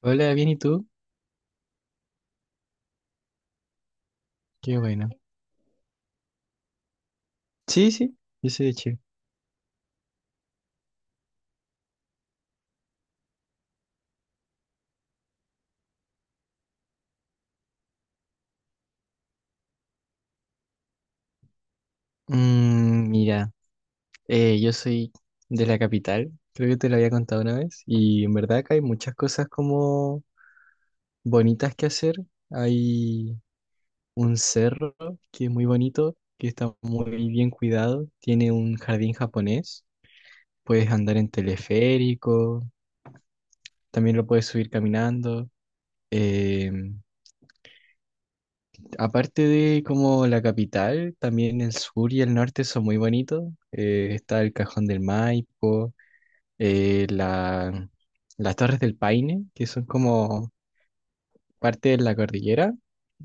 Hola, bien, ¿y tú? Qué bueno. Sí, sí, yo soy de Chile. Mm, mira, yo soy de la capital, creo que te lo había contado una vez, y en verdad que hay muchas cosas como bonitas que hacer. Hay un cerro que es muy bonito, que está muy bien cuidado, tiene un jardín japonés, puedes andar en teleférico, también lo puedes subir caminando. em, Aparte de como la capital, también el sur y el norte son muy bonitos. Está el Cajón del Maipo, eh, la- las Torres del Paine, que son como parte de la cordillera,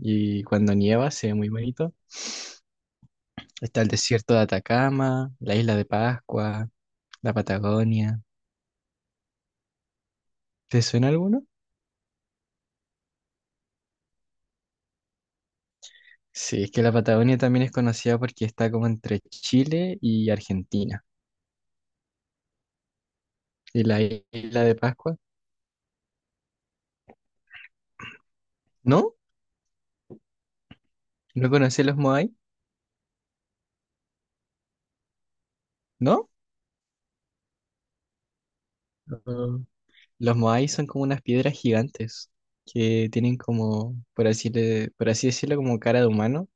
y cuando nieva se ve muy bonito. Está el desierto de Atacama, la isla de Pascua, la Patagonia. ¿Te suena alguno? Sí, es que la Patagonia también es conocida porque está como entre Chile y Argentina. Y la isla de Pascua, ¿no? ¿No conocí los Moai? ¿No? Los Moai son como unas piedras gigantes que tienen como, por así decirlo, como cara de humano.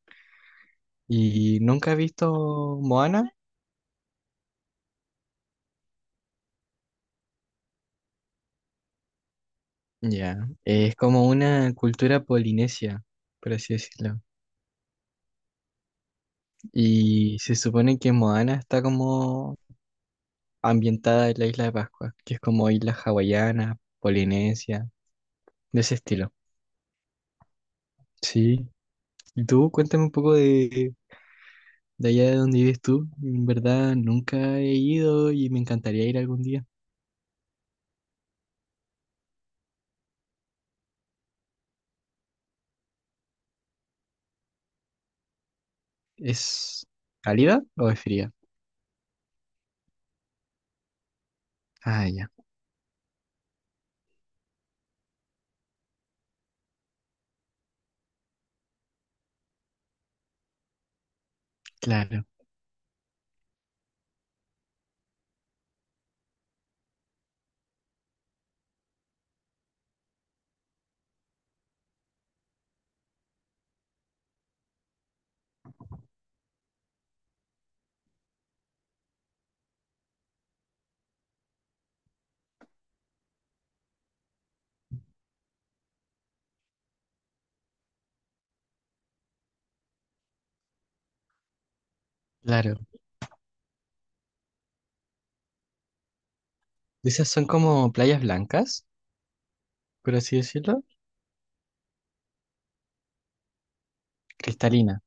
¿Y nunca he visto Moana? Ya, es como una cultura polinesia, por así decirlo. Y se supone que Moana está como ambientada en la isla de Pascua, que es como isla hawaiana, polinesia, de ese estilo. Sí. ¿Y tú? Cuéntame un poco de allá de donde vives tú. En verdad, nunca he ido y me encantaría ir algún día. ¿Es cálida o es fría? Ah, ya, claro, claro. Esas son como playas blancas, por así decirlo. Cristalina.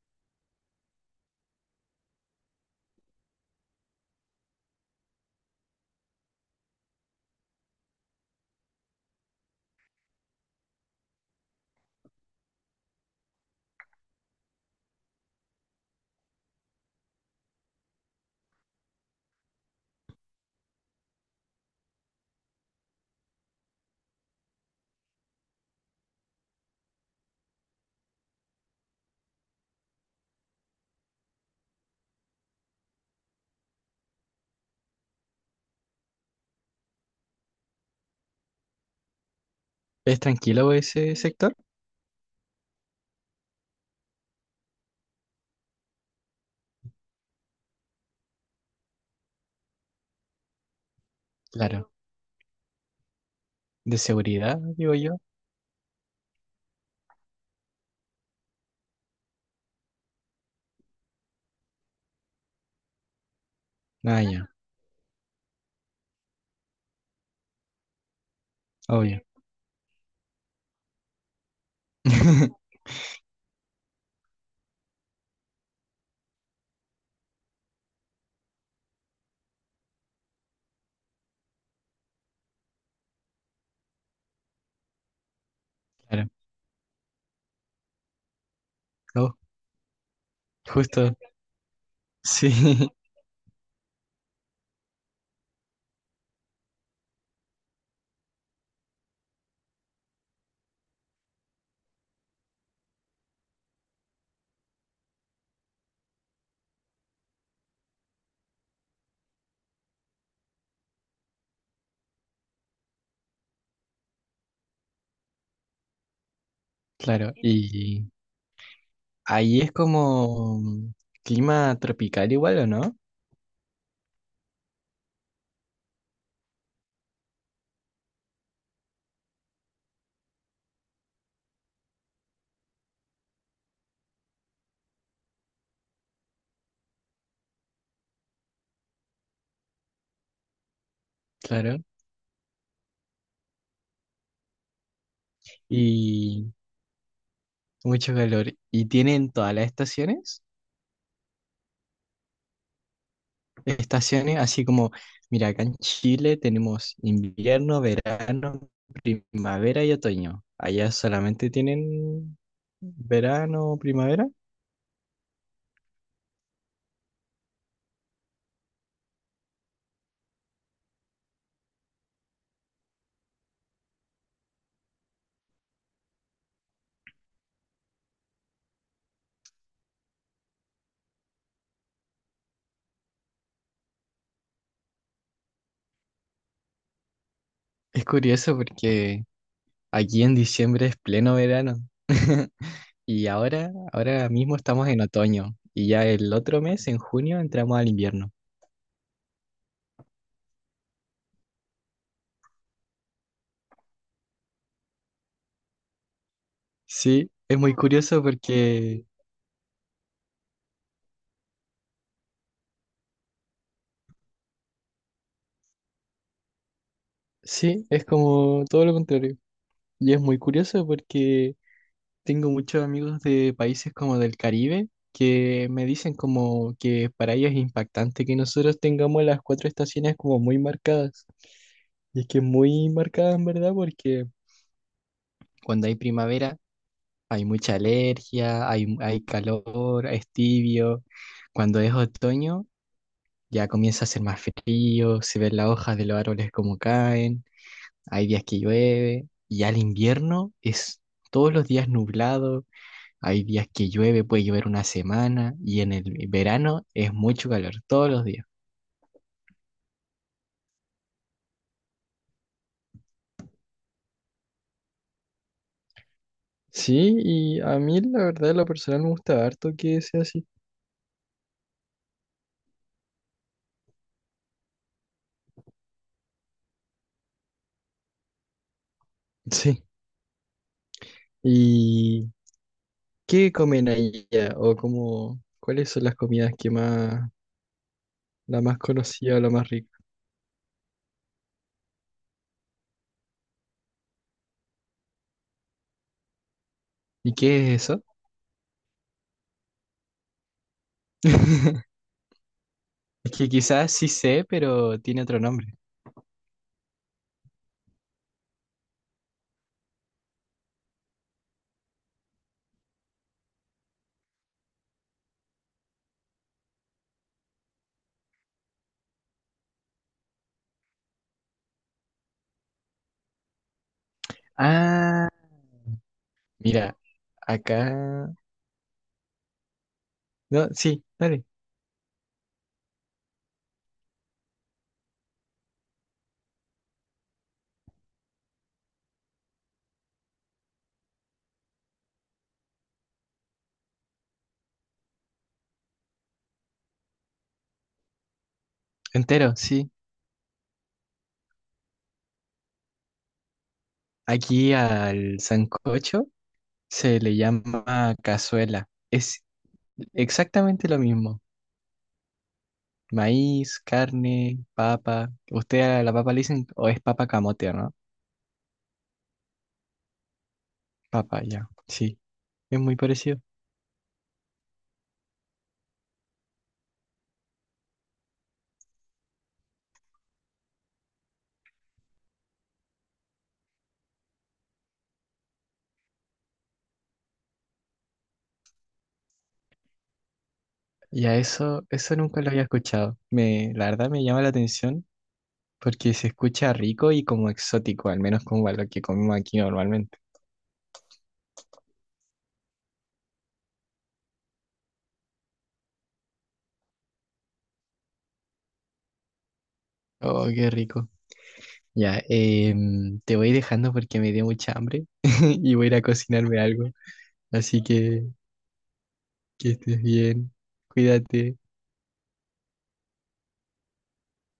¿Es tranquilo ese sector? Claro. De seguridad, digo yo. Ah, ya, obvio. Claro. Oh, justo. Sí, claro. Y ahí es como clima tropical igual, ¿o no? Claro. Y mucho calor. ¿Y tienen todas las estaciones? Estaciones, así como, mira, acá en Chile tenemos invierno, verano, primavera y otoño. Allá solamente tienen verano, primavera. Es curioso porque aquí en diciembre es pleno verano. Y ahora mismo estamos en otoño y ya el otro mes, en junio, entramos al invierno. Sí, es muy curioso porque, sí, es como todo lo contrario. Y es muy curioso porque tengo muchos amigos de países como del Caribe que me dicen como que para ellos es impactante que nosotros tengamos las cuatro estaciones como muy marcadas. Y es que es muy marcada en verdad porque cuando hay primavera hay mucha alergia, hay calor, es tibio. Cuando es otoño ya comienza a ser más frío, se ven las hojas de los árboles como caen, hay días que llueve y al invierno es todos los días nublado. Hay días que llueve, puede llover una semana y en el verano es mucho calor todos los días. Sí, y a mí la verdad, en lo personal me gusta harto que sea así. Sí. ¿Y qué comen allá? ¿O cómo, cuáles son las comidas que más, la más conocida o la más rica? ¿Y qué es eso? Es que quizás sí sé, pero tiene otro nombre. Ah, mira, acá... No, sí, dale. Entero, sí. Aquí al sancocho se le llama cazuela. Es exactamente lo mismo. Maíz, carne, papa. Usted a la papa le dicen, o es papa camote, ¿no? Papa, ya. Sí, es muy parecido. Y a eso, eso nunca lo había escuchado. Me, la verdad me llama la atención porque se escucha rico y como exótico, al menos como a lo que comemos aquí normalmente. Oh, qué rico. Ya, em, te voy dejando porque me dio mucha hambre y voy a ir a cocinarme algo. Así que estés bien. Cuídate.